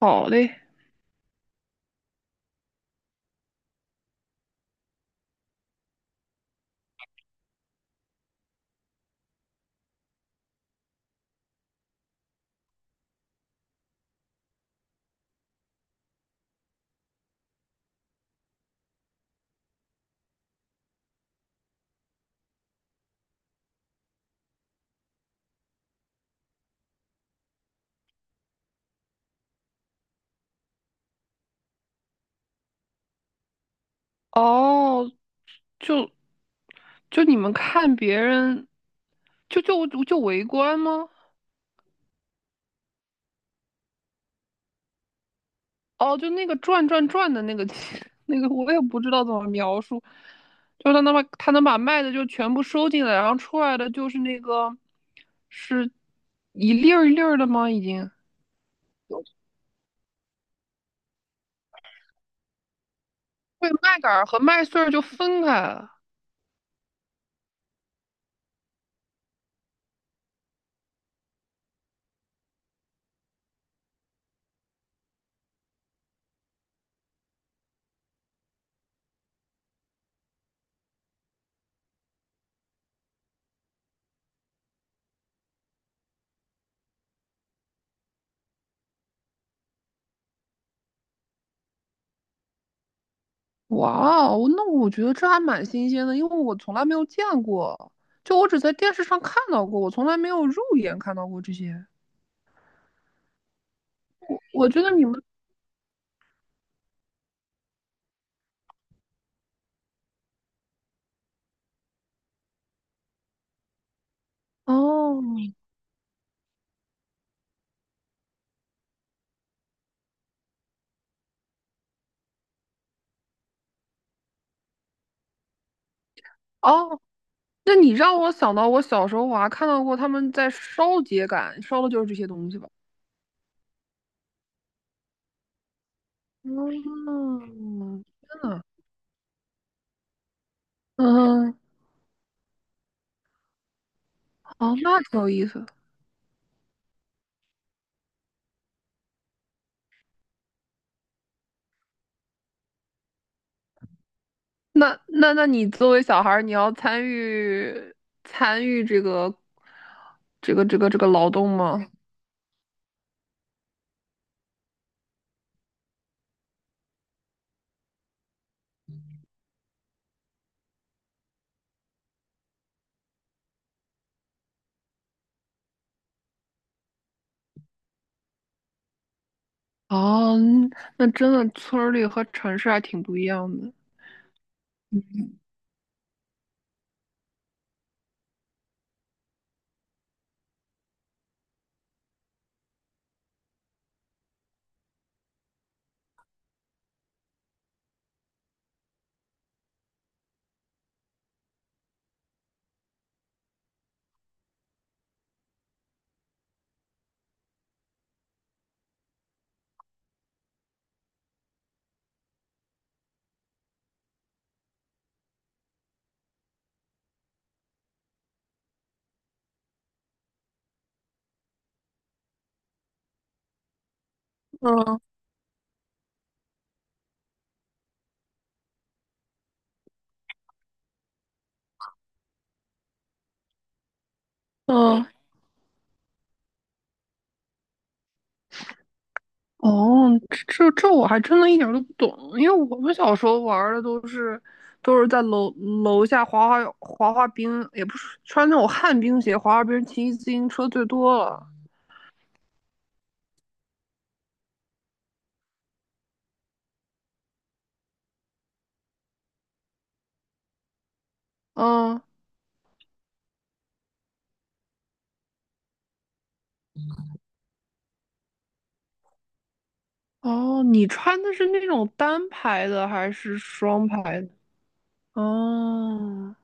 好嘞，哦，就就你们看别人，就围观吗？哦，就那个转转转的那个 那个，我也不知道怎么描述，就他能把麦子就全部收进来，然后出来的就是那个是一粒儿一粒儿的吗？已经对，麦秆儿和麦穗儿就分开了。哇哦，那我觉得这还蛮新鲜的，因为我从来没有见过，就我只在电视上看到过，我从来没有肉眼看到过这些。我觉得你们。哦哦，那你让我想到我小时候我还看到过他们在烧秸秆，烧的就是这些东西吧？嗯，天呐。嗯，哦，那挺有意思的。那你作为小孩儿，你要参与这个劳动吗？哦，那真的村儿里和城市还挺不一样的。嗯。嗯，哦，这我还真的一点儿都不懂，因为我们小时候玩儿的都是在楼下滑冰，也不是穿那种旱冰鞋滑滑冰，骑自行车最多了。嗯，哦，你穿的是那种单排的还是双排的？哦，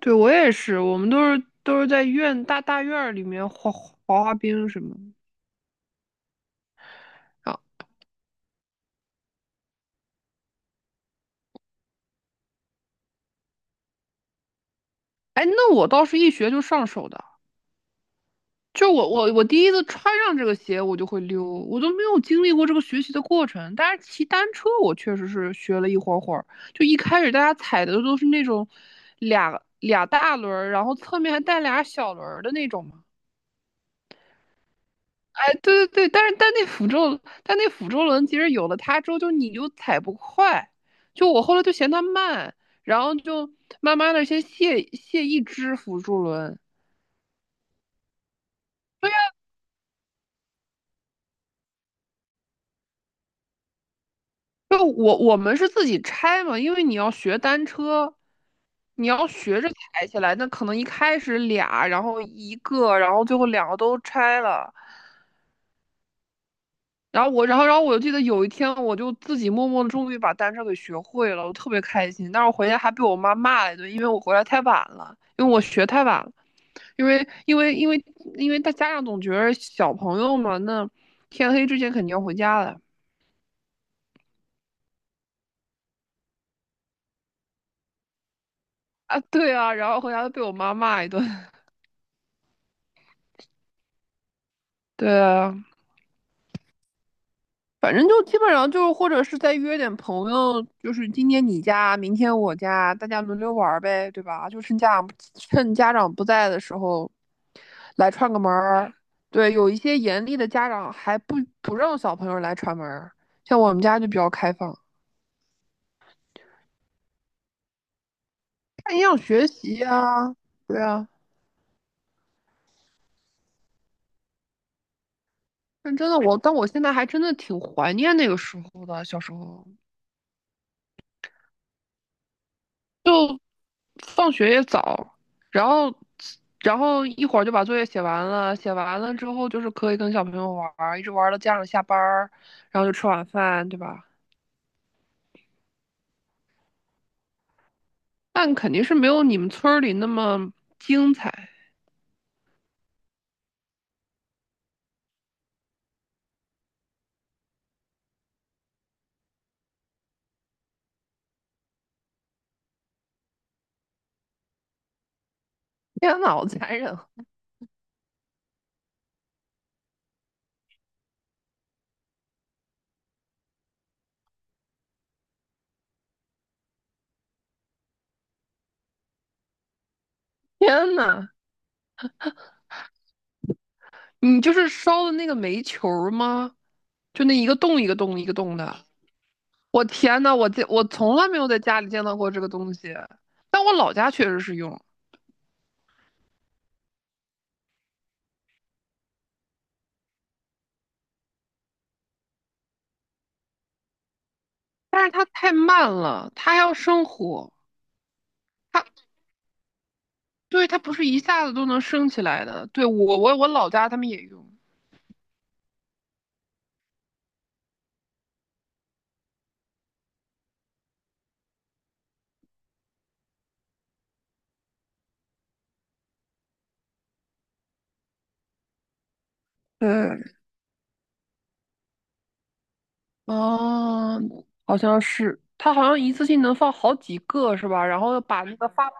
对，我也是，我们都是在大院儿里面滑冰什么的。啊。哎，那我倒是一学就上手的。就我第一次穿上这个鞋，我就会溜，我都没有经历过这个学习的过程。但是骑单车，我确实是学了一会儿。就一开始大家踩的都是那种俩大轮儿，然后侧面还带俩小轮儿的那种嘛。哎，对对对，但那辅助轮其实有了它之后，就你就踩不快。就我后来就嫌它慢，然后就慢慢的先卸一只辅助轮。就我们是自己拆嘛，因为你要学单车，你要学着抬起来，那可能一开始俩，然后一个，然后最后两个都拆了。然后我，然后，然后我就记得有一天，我就自己默默的终于把单车给学会了，我特别开心。但是我回家还被我妈骂了一顿，因为我回来太晚了，因为我学太晚了，因为因为因为因为大家长总觉得小朋友嘛，那天黑之前肯定要回家的。啊，对啊，然后回家就被我妈骂一顿。对啊。反正就基本上就是，或者是再约点朋友，就是今天你家，明天我家，大家轮流玩儿呗，对吧？就趁家长不在的时候来串个门儿。对，有一些严厉的家长还不让小朋友来串门儿，像我们家就比较开放，看营养学习呀、对啊。但我现在还真的挺怀念那个时候的小时候。放学也早，然后然后一会儿就把作业写完了，写完了之后就是可以跟小朋友玩儿一直玩儿到家长下班儿然后就吃晚饭，对吧？但肯定是没有你们村儿里那么精彩。天呐，好残忍！天呐，你就是烧的那个煤球儿吗？就那一个洞一个洞一个洞的。我天呐，我从来没有在家里见到过这个东西，但我老家确实是用，但是它太慢了，它还要生火，它对，它不是一下子都能升起来的。对，我老家他们也用。对，哦，好像是，它好像一次性能放好几个是吧？然后把那个发牌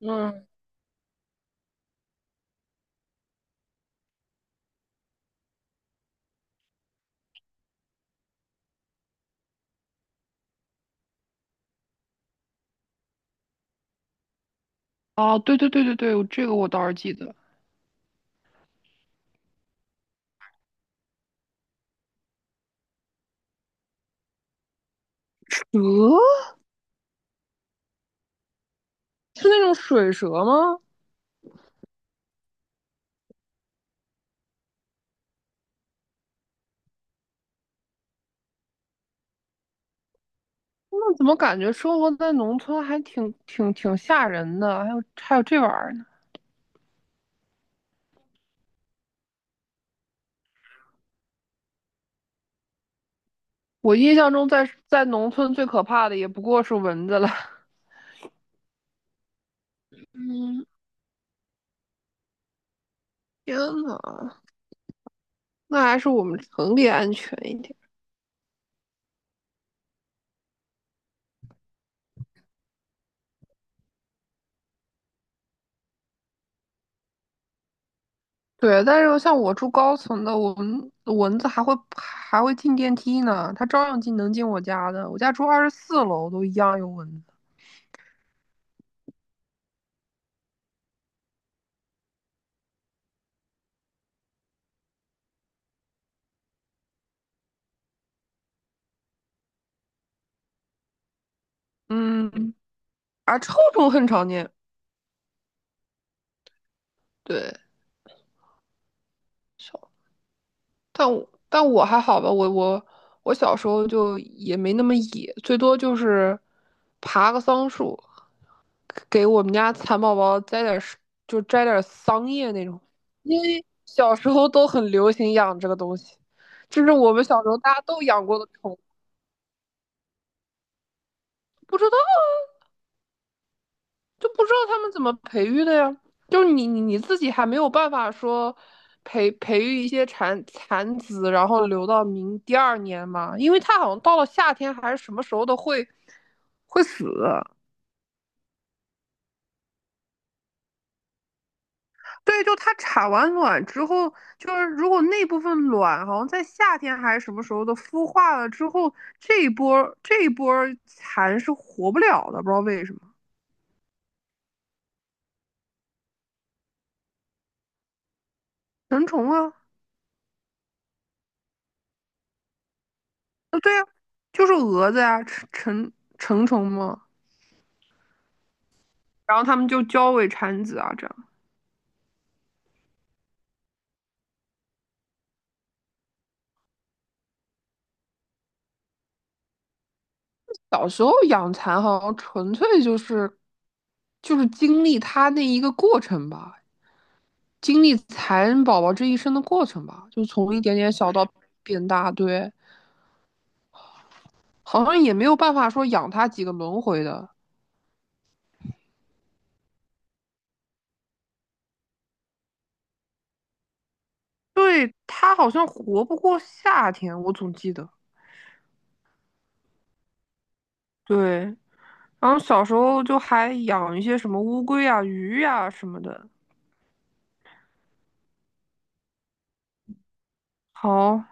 的。嗯，啊，对对对对对，这个我倒是记得。蛇是那种水蛇吗？那怎么感觉生活在农村还挺吓人的？还有这玩意儿呢？我印象中在农村最可怕的也不过是蚊子了。嗯，天呐，那还是我们城里安全一点。对，但是像我住高层的，我们蚊子还会进电梯呢，它照样能进我家的。我家住24楼，都一样有蚊子。嗯，啊，臭虫很常见。对，少，但我还好吧，我小时候就也没那么野，最多就是爬个桑树。给我们家蚕宝宝摘点儿，就摘点儿桑叶那种，因为小时候都很流行养这个东西，这是我们小时候大家都养过的宠物。不知道，就不知道他们怎么培育的呀，就是你自己还没有办法说培育一些蚕子，然后留到第二年嘛，因为它好像到了夏天还是什么时候都会死。对，就它产完卵之后，就是如果那部分卵好像在夏天还是什么时候的孵化了之后，这一波这一波蚕是活不了的，不知道为什么。成虫啊，对呀、啊，就是蛾子呀、成虫嘛。然后它们就交尾产子啊，这样。小时候养蚕好像纯粹就是经历它那一个过程吧，经历蚕宝宝这一生的过程吧，就从一点点小到变大，对。好像也没有办法说养它几个轮回的。对，它好像活不过夏天，我总记得。对，然后小时候就还养一些什么乌龟啊、鱼啊什么的。好，